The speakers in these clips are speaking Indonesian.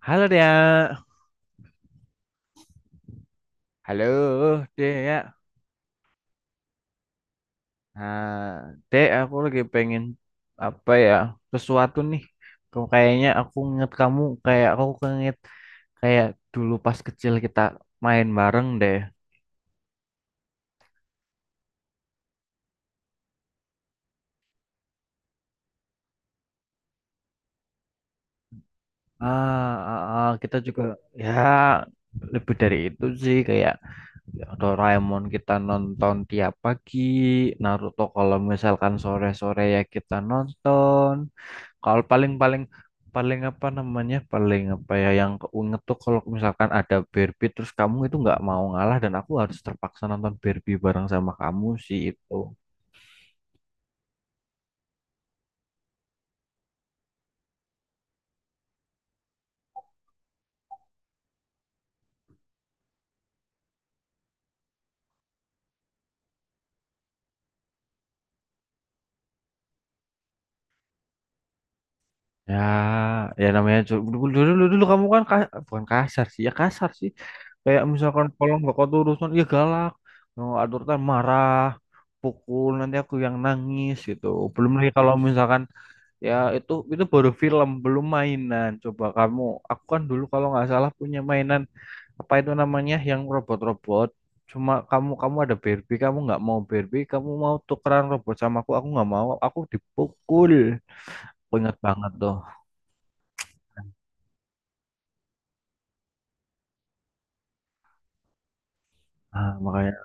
Halo Dea. Halo Dea. Nah, Dea aku lagi pengen apa ya? Sesuatu nih. Kayaknya aku inget kamu, kayak aku nginget kayak dulu pas kecil kita main bareng deh. Ah, ah, ah, kita juga, ya lebih dari itu sih, kayak ya, Doraemon kita nonton tiap pagi, Naruto kalau misalkan sore-sore ya kita nonton. Kalau paling-paling paling apa namanya? Paling apa ya yang keinget tuh kalau misalkan ada Barbie terus kamu itu nggak mau ngalah dan aku harus terpaksa nonton Barbie bareng sama kamu sih itu. Ya, ya namanya dulu dulu dulu, dulu kamu kan bukan kasar sih, ya kasar sih. Kayak misalkan kalau nggak kau urusan, ya galak, nggak aturkan marah, pukul nanti aku yang nangis gitu. Belum lagi kalau misalkan ya itu baru film, belum mainan. Coba kamu, aku kan dulu kalau nggak salah punya mainan apa itu namanya yang robot-robot. Cuma kamu kamu ada Barbie, kamu nggak mau Barbie, kamu mau tukeran robot sama aku nggak mau, aku dipukul. Aku ingat banget tuh. Ah, makanya.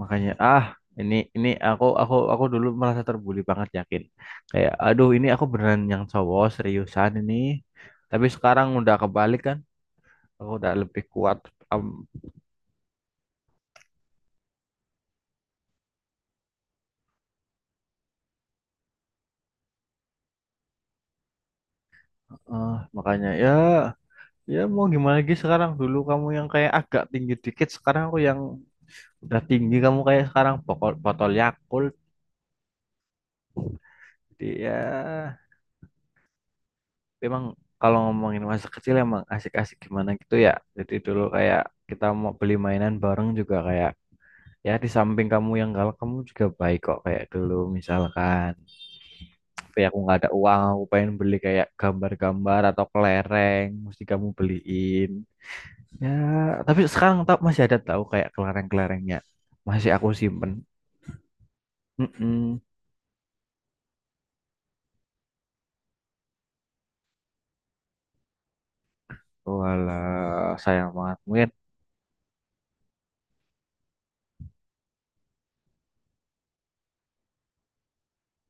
Makanya ini aku dulu merasa terbuli banget yakin. Kayak aduh ini aku beneran yang cowok seriusan ini. Tapi sekarang udah kebalik kan. Aku udah lebih kuat. Am- eh, makanya ya ya mau gimana lagi sekarang, dulu kamu yang kayak agak tinggi dikit, sekarang aku yang udah tinggi, kamu kayak sekarang botol botol Yakult dia. Memang kalau ngomongin masa kecil emang asik-asik gimana gitu ya. Jadi dulu kayak kita mau beli mainan bareng juga, kayak ya di samping kamu yang galak kamu juga baik kok, kayak dulu misalkan tapi aku nggak ada uang, aku pengen beli kayak gambar-gambar atau kelereng, mesti kamu beliin, ya. Tapi sekarang tau masih ada, tahu kayak kelereng-kelerengnya masih aku simpen. mm Walah, sayang banget mungkin.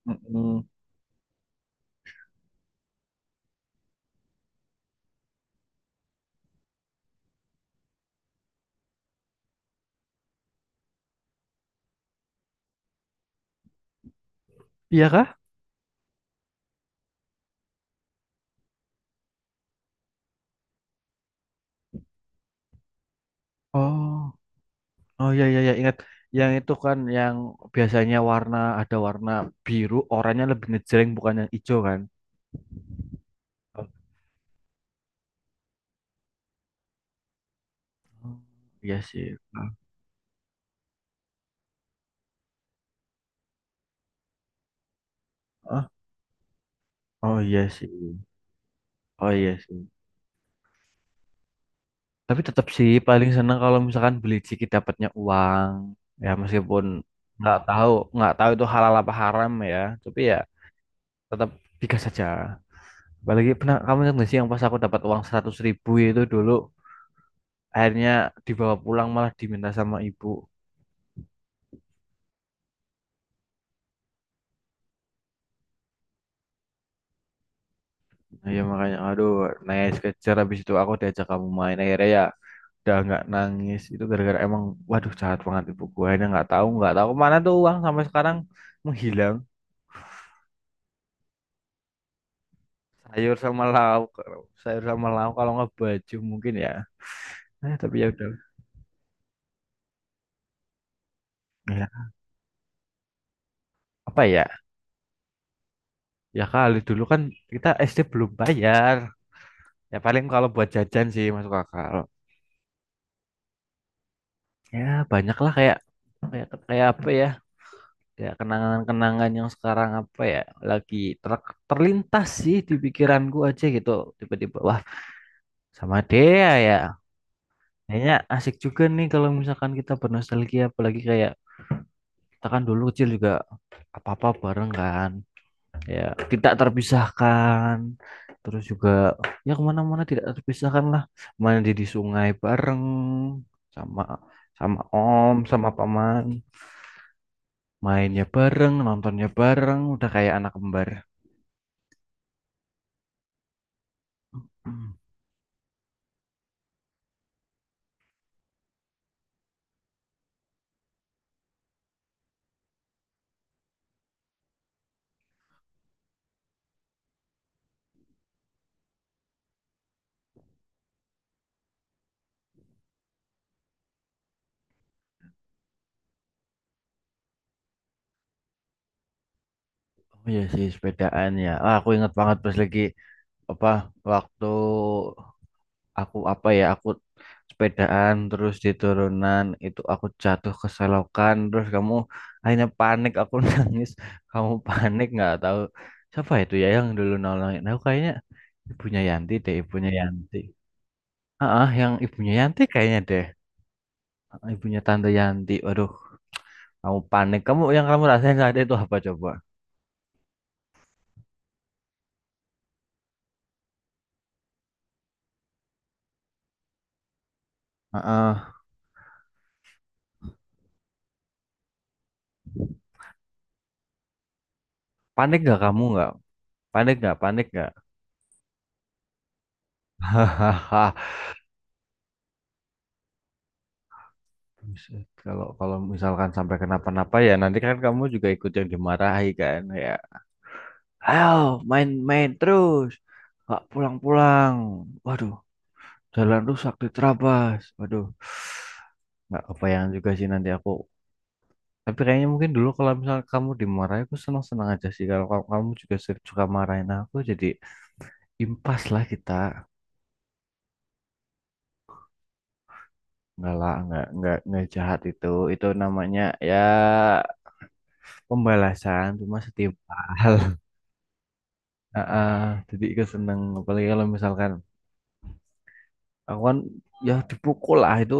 Mm-mm. Iya kah? Oh, oh ya ya ya ingat, yang itu kan yang biasanya warna, ada warna biru, oranye, lebih ngejreng, bukan yang hijau kan? Oh, iya sih. Ah, ah. Oh iya sih. Oh iya sih. Tapi tetap sih paling seneng kalau misalkan beli ciki dapatnya uang. Ya meskipun nggak tahu nggak tahu itu halal apa haram ya. Tapi ya tetap digas saja. Apalagi pernah kamu ingat nggak sih yang pas aku dapat uang 100 ribu itu dulu, akhirnya dibawa pulang malah diminta sama ibu. Nah, ya makanya aduh, naik kejar habis itu aku diajak kamu main, akhirnya ya udah nggak nangis itu gara-gara emang. Waduh, jahat banget ibu gua, akhirnya nggak tahu kemana tuh uang sampai sekarang menghilang. Sayur sama lauk, sayur sama lauk, kalau nggak baju mungkin ya. Tapi ya udah. Ya, apa ya, ya kali dulu kan kita SD belum bayar, ya paling kalau buat jajan sih masuk akal ya. Banyak lah kayak kayak kayak apa ya, ya kenangan-kenangan yang sekarang apa ya lagi terlintas sih di pikiranku aja gitu. Tiba-tiba wah, sama Dea ya, kayaknya asik juga nih kalau misalkan kita bernostalgia, apalagi kayak kita kan dulu kecil juga apa-apa bareng kan, ya tidak terpisahkan. Terus juga ya kemana-mana tidak terpisahkan lah, mandi di sungai bareng sama sama om sama paman, mainnya bareng, nontonnya bareng, udah kayak anak kembar. Hmm. Oh iya sih, sepedaan ya. Ah, aku ingat banget pas lagi apa, waktu aku apa ya, aku sepedaan terus di turunan itu aku jatuh ke selokan, terus kamu akhirnya panik, aku nangis, kamu panik nggak tahu siapa itu ya yang dulu nolongin aku, kayaknya ibunya Yanti deh, ibunya Yanti. Ah, yang ibunya Yanti kayaknya deh. Ah, ibunya tante Yanti. Waduh, kamu panik, kamu yang kamu rasain saat itu apa coba? Ah, ah. Panik nggak? Kamu nggak panik nggak? Panik nggak? Hahaha. Buset, kalau kalau misalkan sampai kenapa-napa ya, nanti kan kamu juga ikut yang dimarahi kan ya. Ayo main-main terus, nggak pulang-pulang. Waduh, jalan rusak diterabas. Waduh, nggak kebayang juga sih nanti aku. Tapi kayaknya mungkin dulu kalau misalnya kamu dimarahi aku senang-senang aja sih. Kalau kamu kamu juga suka marahin aku, jadi impas lah kita. Enggak lah, enggak jahat itu. Itu namanya ya pembalasan, cuma setimpal. Ah, ah, jadi ikut seneng, apalagi kalau misalkan aku kan ya dipukul lah itu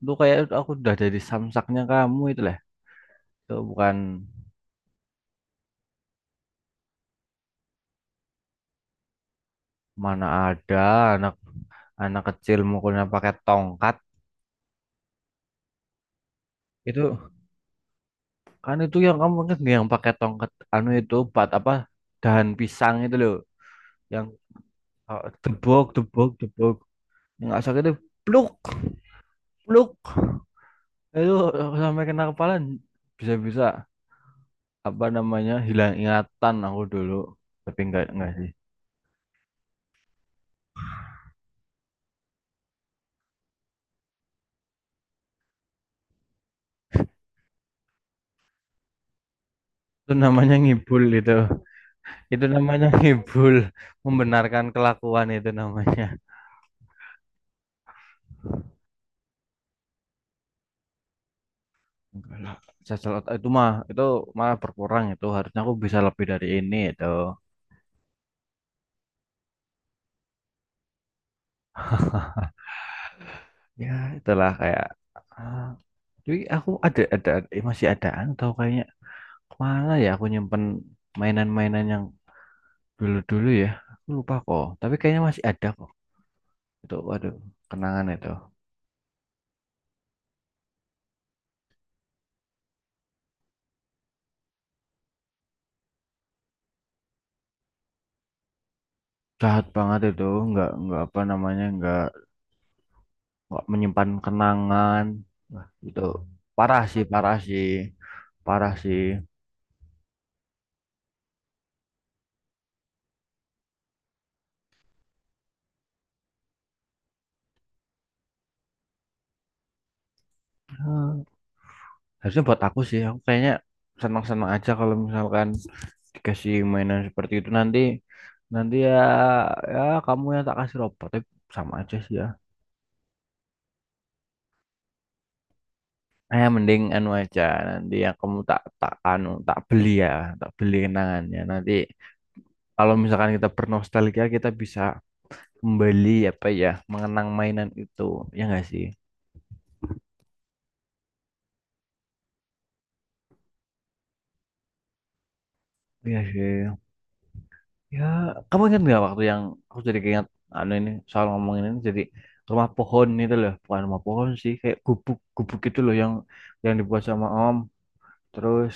itu kayak aku udah dari samsaknya kamu itu lah, itu bukan. Mana ada anak anak kecil mukulnya pakai tongkat. Itu kan itu, yang kamu ingat nggak yang pakai tongkat anu itu buat apa, dahan pisang itu loh yang, debok debok debok, yang nggak sakit itu, pluk, pluk. Itu aku sampai kena kepala, bisa-bisa apa namanya hilang ingatan aku dulu, tapi enggak sih. Itu namanya ngibul itu namanya ngibul, membenarkan kelakuan itu namanya. Enggak lah, cacat otak itu mah itu, malah berkurang itu, harusnya aku bisa lebih dari ini itu. Ya itulah kayak, ah, tapi aku ada, masih adaan atau kayaknya kemana ya aku nyimpen mainan-mainan yang dulu-dulu ya, aku lupa kok tapi kayaknya masih ada kok itu. Waduh, kenangan itu. Jahat banget itu, nggak apa namanya, nggak menyimpan kenangan gitu. Parah sih, parah sih, parah sih. Hmm, harusnya buat aku sih, aku kayaknya senang-senang aja kalau misalkan dikasih mainan seperti itu, nanti nanti ya, ya kamu yang tak kasih robot, tapi sama aja sih ya. Eh mending anu aja, nanti yang kamu tak tak anu tak beli ya, tak beli kenangannya. Nanti kalau misalkan kita bernostalgia kita bisa kembali apa ya mengenang mainan itu, ya nggak sih? Iya sih, ya kamu ingat nggak waktu yang, aku jadi keinget anu ini soal ngomongin ini, jadi rumah pohon itu loh, bukan rumah pohon sih kayak gubuk gubuk itu loh, yang dibuat sama om terus.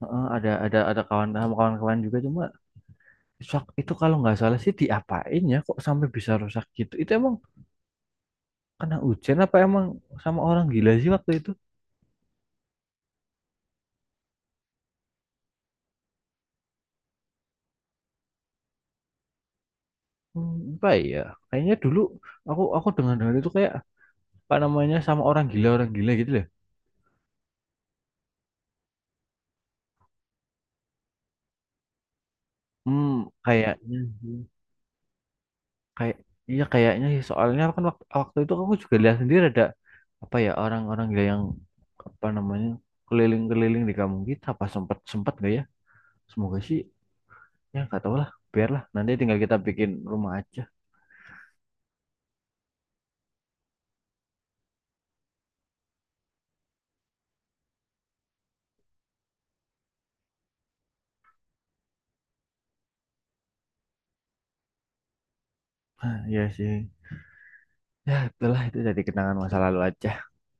Heeh, ada kawan sama kawan-kawan juga, cuma itu kalau nggak salah sih diapain ya kok sampai bisa rusak gitu, itu emang kena hujan apa emang sama orang gila sih waktu itu. Hmm, apa ya, kayaknya dulu aku dengar dengar itu kayak pak namanya sama orang gila, orang gila gitu loh. Hmm, kayaknya sih. Kayak iya kayaknya sih, soalnya kan waktu itu aku juga lihat sendiri ada apa ya orang-orang gila yang apa namanya keliling-keliling di kampung kita, apa sempat sempat gak ya, semoga sih, ya nggak tahu lah, biarlah nanti tinggal kita bikin rumah aja. Hah, iya sih, ya itulah, itu jadi kenangan masa lalu aja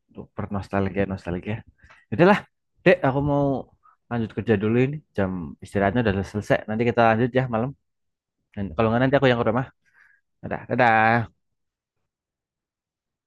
untuk bernostalgia nostalgia. Itulah dek, aku mau lanjut kerja dulu ini, jam istirahatnya udah selesai, nanti kita lanjut ya malam. Dan kalau nggak nanti aku yang ke rumah. Dadah, dadah.